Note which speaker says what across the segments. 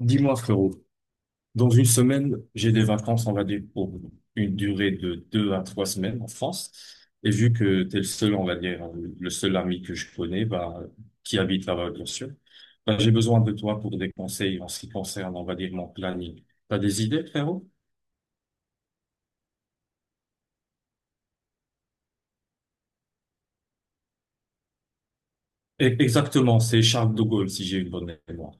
Speaker 1: Dis-moi, frérot, dans une semaine, j'ai des vacances, on va dire, pour une durée de 2 à 3 semaines en France. Et vu que t'es le seul, on va dire, le seul ami que je connais, bah, qui habite là-bas, bien sûr, bah, j'ai besoin de toi pour des conseils en ce qui concerne, on va dire, mon planning. T'as des idées, frérot? Exactement, c'est Charles de Gaulle, si j'ai une bonne mémoire.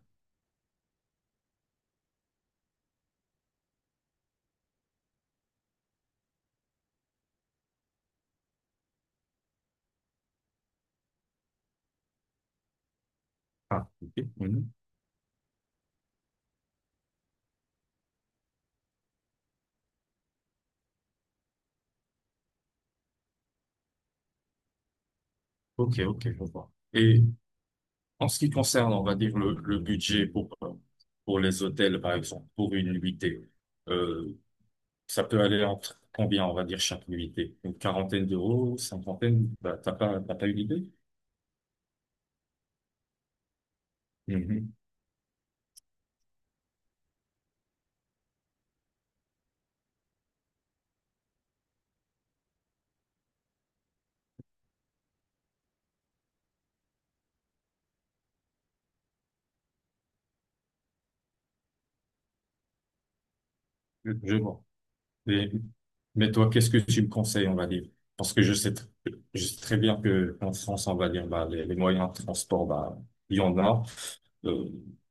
Speaker 1: Ah, ok. Mhm. Ok, ok, je vois. Et, en ce qui concerne, on va dire, le budget pour, pour les hôtels, par exemple, pour une nuitée, euh, ça peut aller entre combien, on va dire, chaque nuitée? Une quarantaine d'euros, cinquantaine? Bah, t'as pas une idée? Mhm. Je vois. Et- mais toi, qu'est-ce que tu me conseilles, on va dire? Parce que je sais très bien que en France, on va dire, bah, les moyens de transport, bah, il y en a. Euh,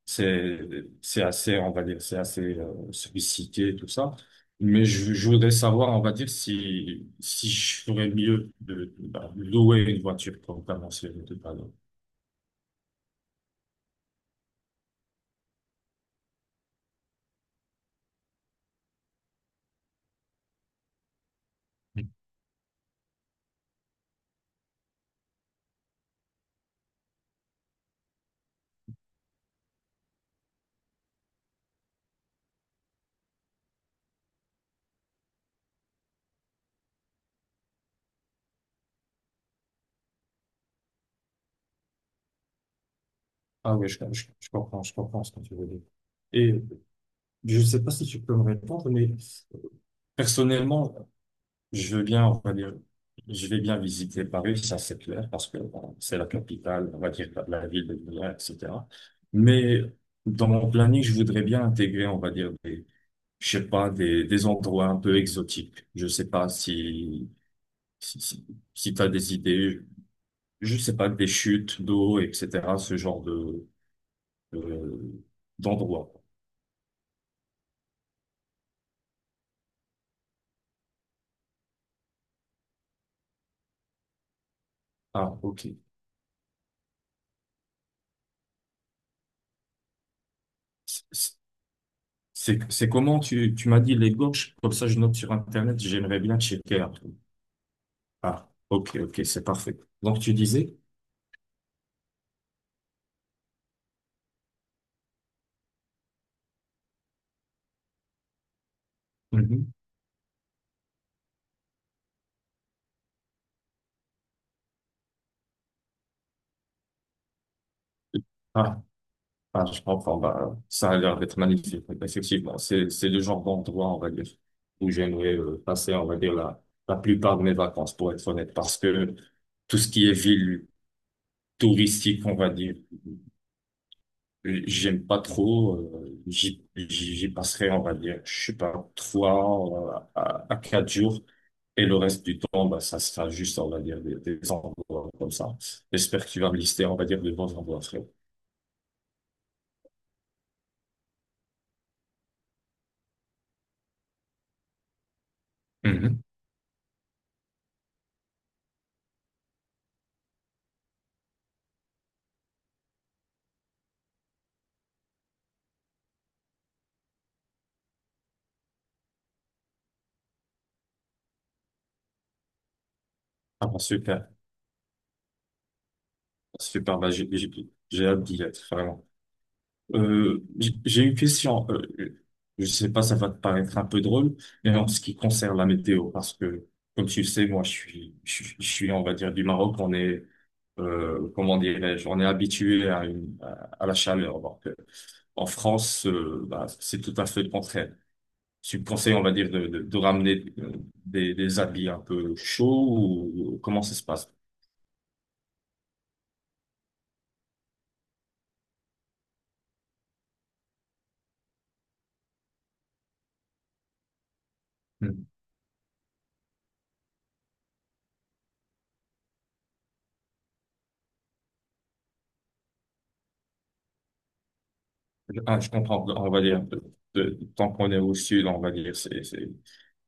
Speaker 1: c'est c'est assez, on va dire, c'est assez sollicité, tout ça. Mais je voudrais savoir, on va dire, si je ferais mieux de, bah, louer une voiture pour commencer le dépanner. Ah oui, je comprends, je comprends ce que tu veux dire. Et je ne sais pas si tu peux me répondre, mais personnellement, je veux bien, on va dire, je vais bien visiter Paris, ça c'est clair, parce que bon, c'est la capitale, on va dire de la ville de Milan, etc. Mais dans mon planning, je voudrais bien intégrer, on va dire, des, je sais pas, des endroits un peu exotiques. Je sais pas si, si, si t'as des idées, je sais pas, des chutes d'eau, etc., ce genre de- d'endroits. Ah, ok. C'est, c'est comment tu m'as dit les gorges, comme ça je note sur Internet, j'aimerais bien checker après. Ah, ok, ok, c'est parfait. Donc tu disais? Mhm. Ah, ah, je comprends. Bah, ça a l'air d'être magnifique. Effectivement, c'est le genre d'endroit, on va dire, où j'aimerais passer, on va dire, la plupart de mes vacances, pour être honnête, parce que tout ce qui est ville touristique, on va dire, j'aime pas trop. J'y passerai, on va dire, je sais pas, trois à quatre jours. Et le reste du temps, bah, ça sera juste, on va dire, des envois comme ça. J'espère que tu vas me lister, on va dire, de bons envois, frérot. Mhm. Ah bah, super, super, bah, j'ai hâte d'y être, vraiment. J'ai une question, je sais pas, ça va te paraître un peu drôle, mais en ce qui concerne la météo, parce que, comme tu le sais, moi, je suis, on va dire, du Maroc, on est, comment dirais-je, on est habitué à la chaleur, alors que en France, bah, c'est tout à fait le contraire. Tu me conseilles, on va dire, de ramener des habits un peu chauds ou comment ça se passe? Hmm. Ah, je comprends, on va dire, tant qu'on est au sud, on va dire, c'est, c'est,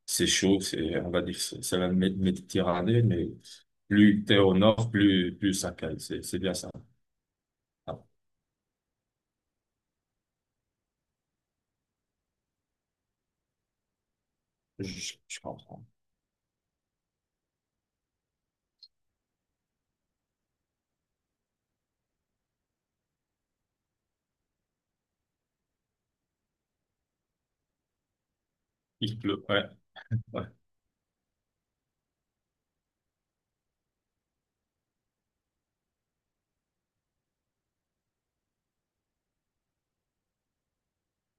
Speaker 1: c'est chaud, c'est, on va dire, c'est la Méditerranée, mais plus t'es au nord, plus ça cale, c'est bien ça. Ah, je comprends. Il pleut, ouais, ouais,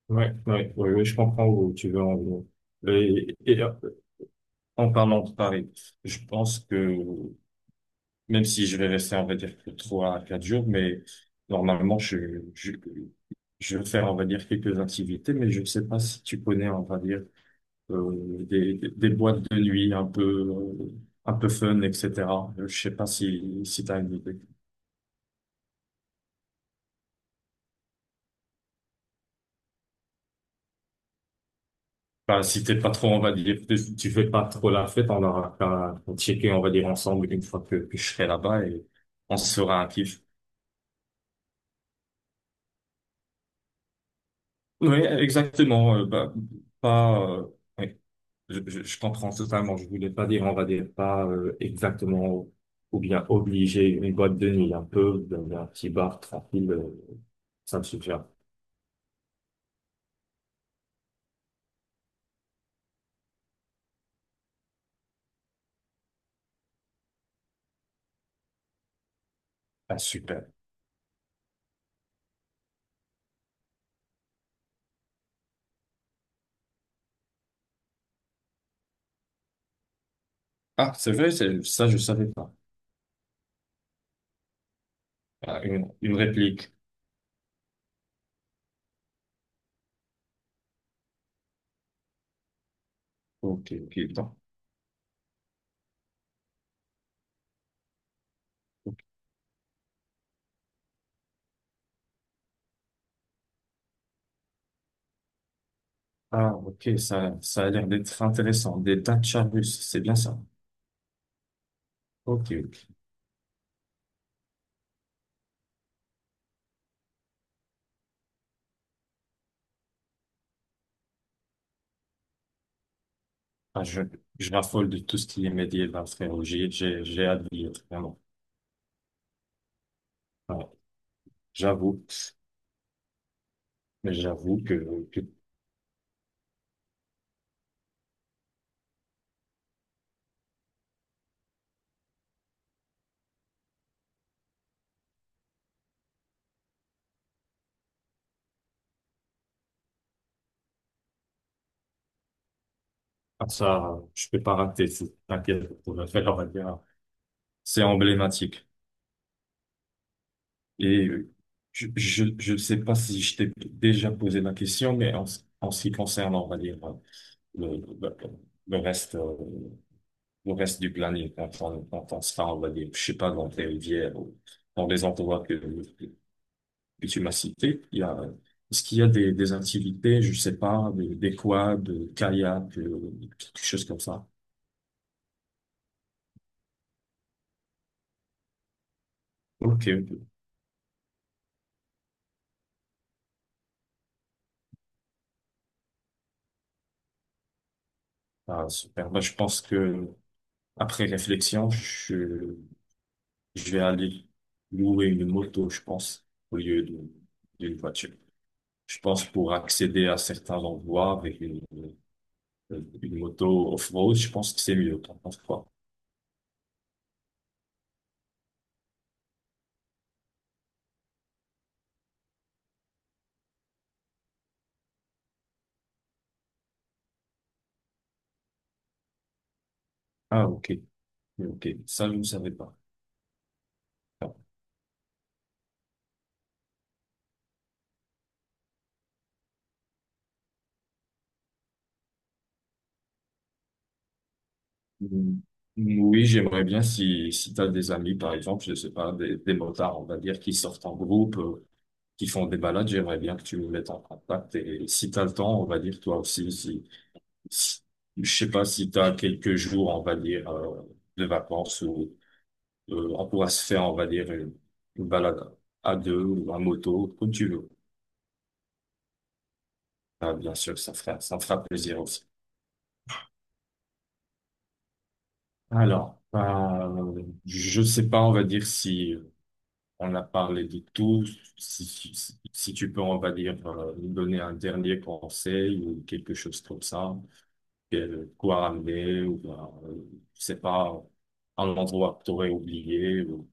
Speaker 1: ouais, ouais, ouais, ouais, je comprends où tu veux en venir. Et, en parlant de Paris, je pense que même si je vais rester, on va dire, que 3 à 4 jours, mais normalement, je vais faire, on va dire, quelques activités, mais je ne sais pas si tu connais, on va dire, des boîtes de nuit un peu fun, etc. Je sais pas si t'as une idée. Bah, si t'es pas trop, on va dire, que tu fais pas trop la fête, on aura qu'à checker, on va dire, ensemble une fois que je serai là-bas et on se fera un kiff. Oui, exactement. Bah, pas, ouais. Je comprends totalement. Je voulais pas dire, on va dire pas exactement ou bien obliger une boîte de nuit, un peu dans un petit bar tranquille, ça me suffira. Ah, super. Ah, c'est vrai, c'est ça, je savais pas. Ah, une réplique. Ok, ok, bon. Ah, ok, ça a l'air d'être intéressant. Des Dacia russes, c'est bien ça. Ok, ok. Ah, je raffole de tout ce qui est médiéval, frérot. J'ai hâte de lire, vraiment. Ah, j'avoue, mais j'avoue que. Ah, ça, je peux pas rater, t'inquiète, on va faire, on va dire, c'est emblématique. Et je sais pas si je t'ai déjà posé la question, mais en ce qui concerne, on va dire, le, le, le reste du planning, quand on sera, on va dire, je sais pas, dans tes rivières ou dans les endroits que tu m'as cités, est-ce qu'il y a des activités, je sais pas, des quads, des kayaks, quelque chose comme ça? Ok, ok. Ah, super. Bah, je pense que après réflexion, je vais aller louer une moto, je pense, au lieu d'une voiture. Je pense pour accéder à certains endroits avec une moto off-road, je pense que c'est mieux. T'en penses quoi? Ah, ok. Ok. Ça, je ne savais pas. Mm. Oui, j'aimerais bien si tu as des amis, par exemple, je sais pas, des motards, on va dire, qui sortent en groupe, qui font des balades, j'aimerais bien que tu me mettes en contact. Et si tu as le temps, on va dire, toi aussi, si, je sais pas si tu as quelques jours, on va dire, de vacances ou on pourra se faire, on va dire, une balade à deux ou en moto, comme tu veux. Ah, bien sûr, ça fera plaisir aussi. Alors, je sais pas, on va dire si on a parlé de tout, si tu peux, on va dire, nous donner un dernier conseil ou quelque chose comme ça, quoi ramener ou, ben, je sais pas, un endroit que tu aurais oublié.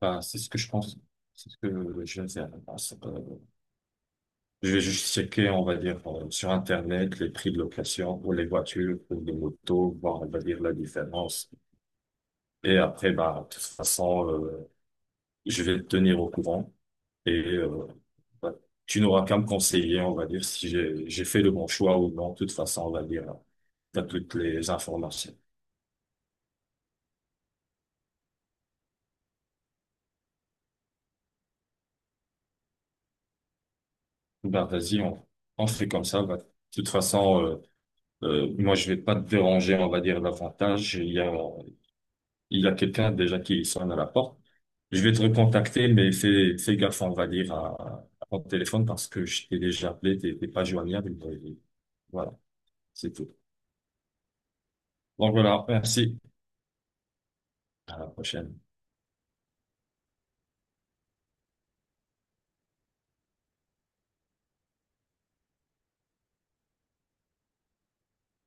Speaker 1: Bah, c'est ce que je pense. C'est ce que je vais faire. Bah, c'est pas- Je vais juste checker, on va dire, sur Internet, les prix de location pour les voitures, pour les motos, voir, on va dire, la différence. Et après, bah, de toute façon, je vais te tenir au courant. Et bah, tu n'auras qu'à me conseiller, on va dire, si j'ai fait le bon choix ou non. De toute façon, on va dire, tu as toutes les informations. Ben vas-y, on fait comme ça. Bah, de toute façon, moi, je vais pas te déranger, on va dire, davantage. Il y a quelqu'un déjà qui sonne à la porte. Je vais te recontacter, mais fais gaffe, on va dire, à ton téléphone parce que je t'ai déjà appelé, t'es pas joignable. Et voilà, c'est tout. Donc voilà, merci. À la prochaine.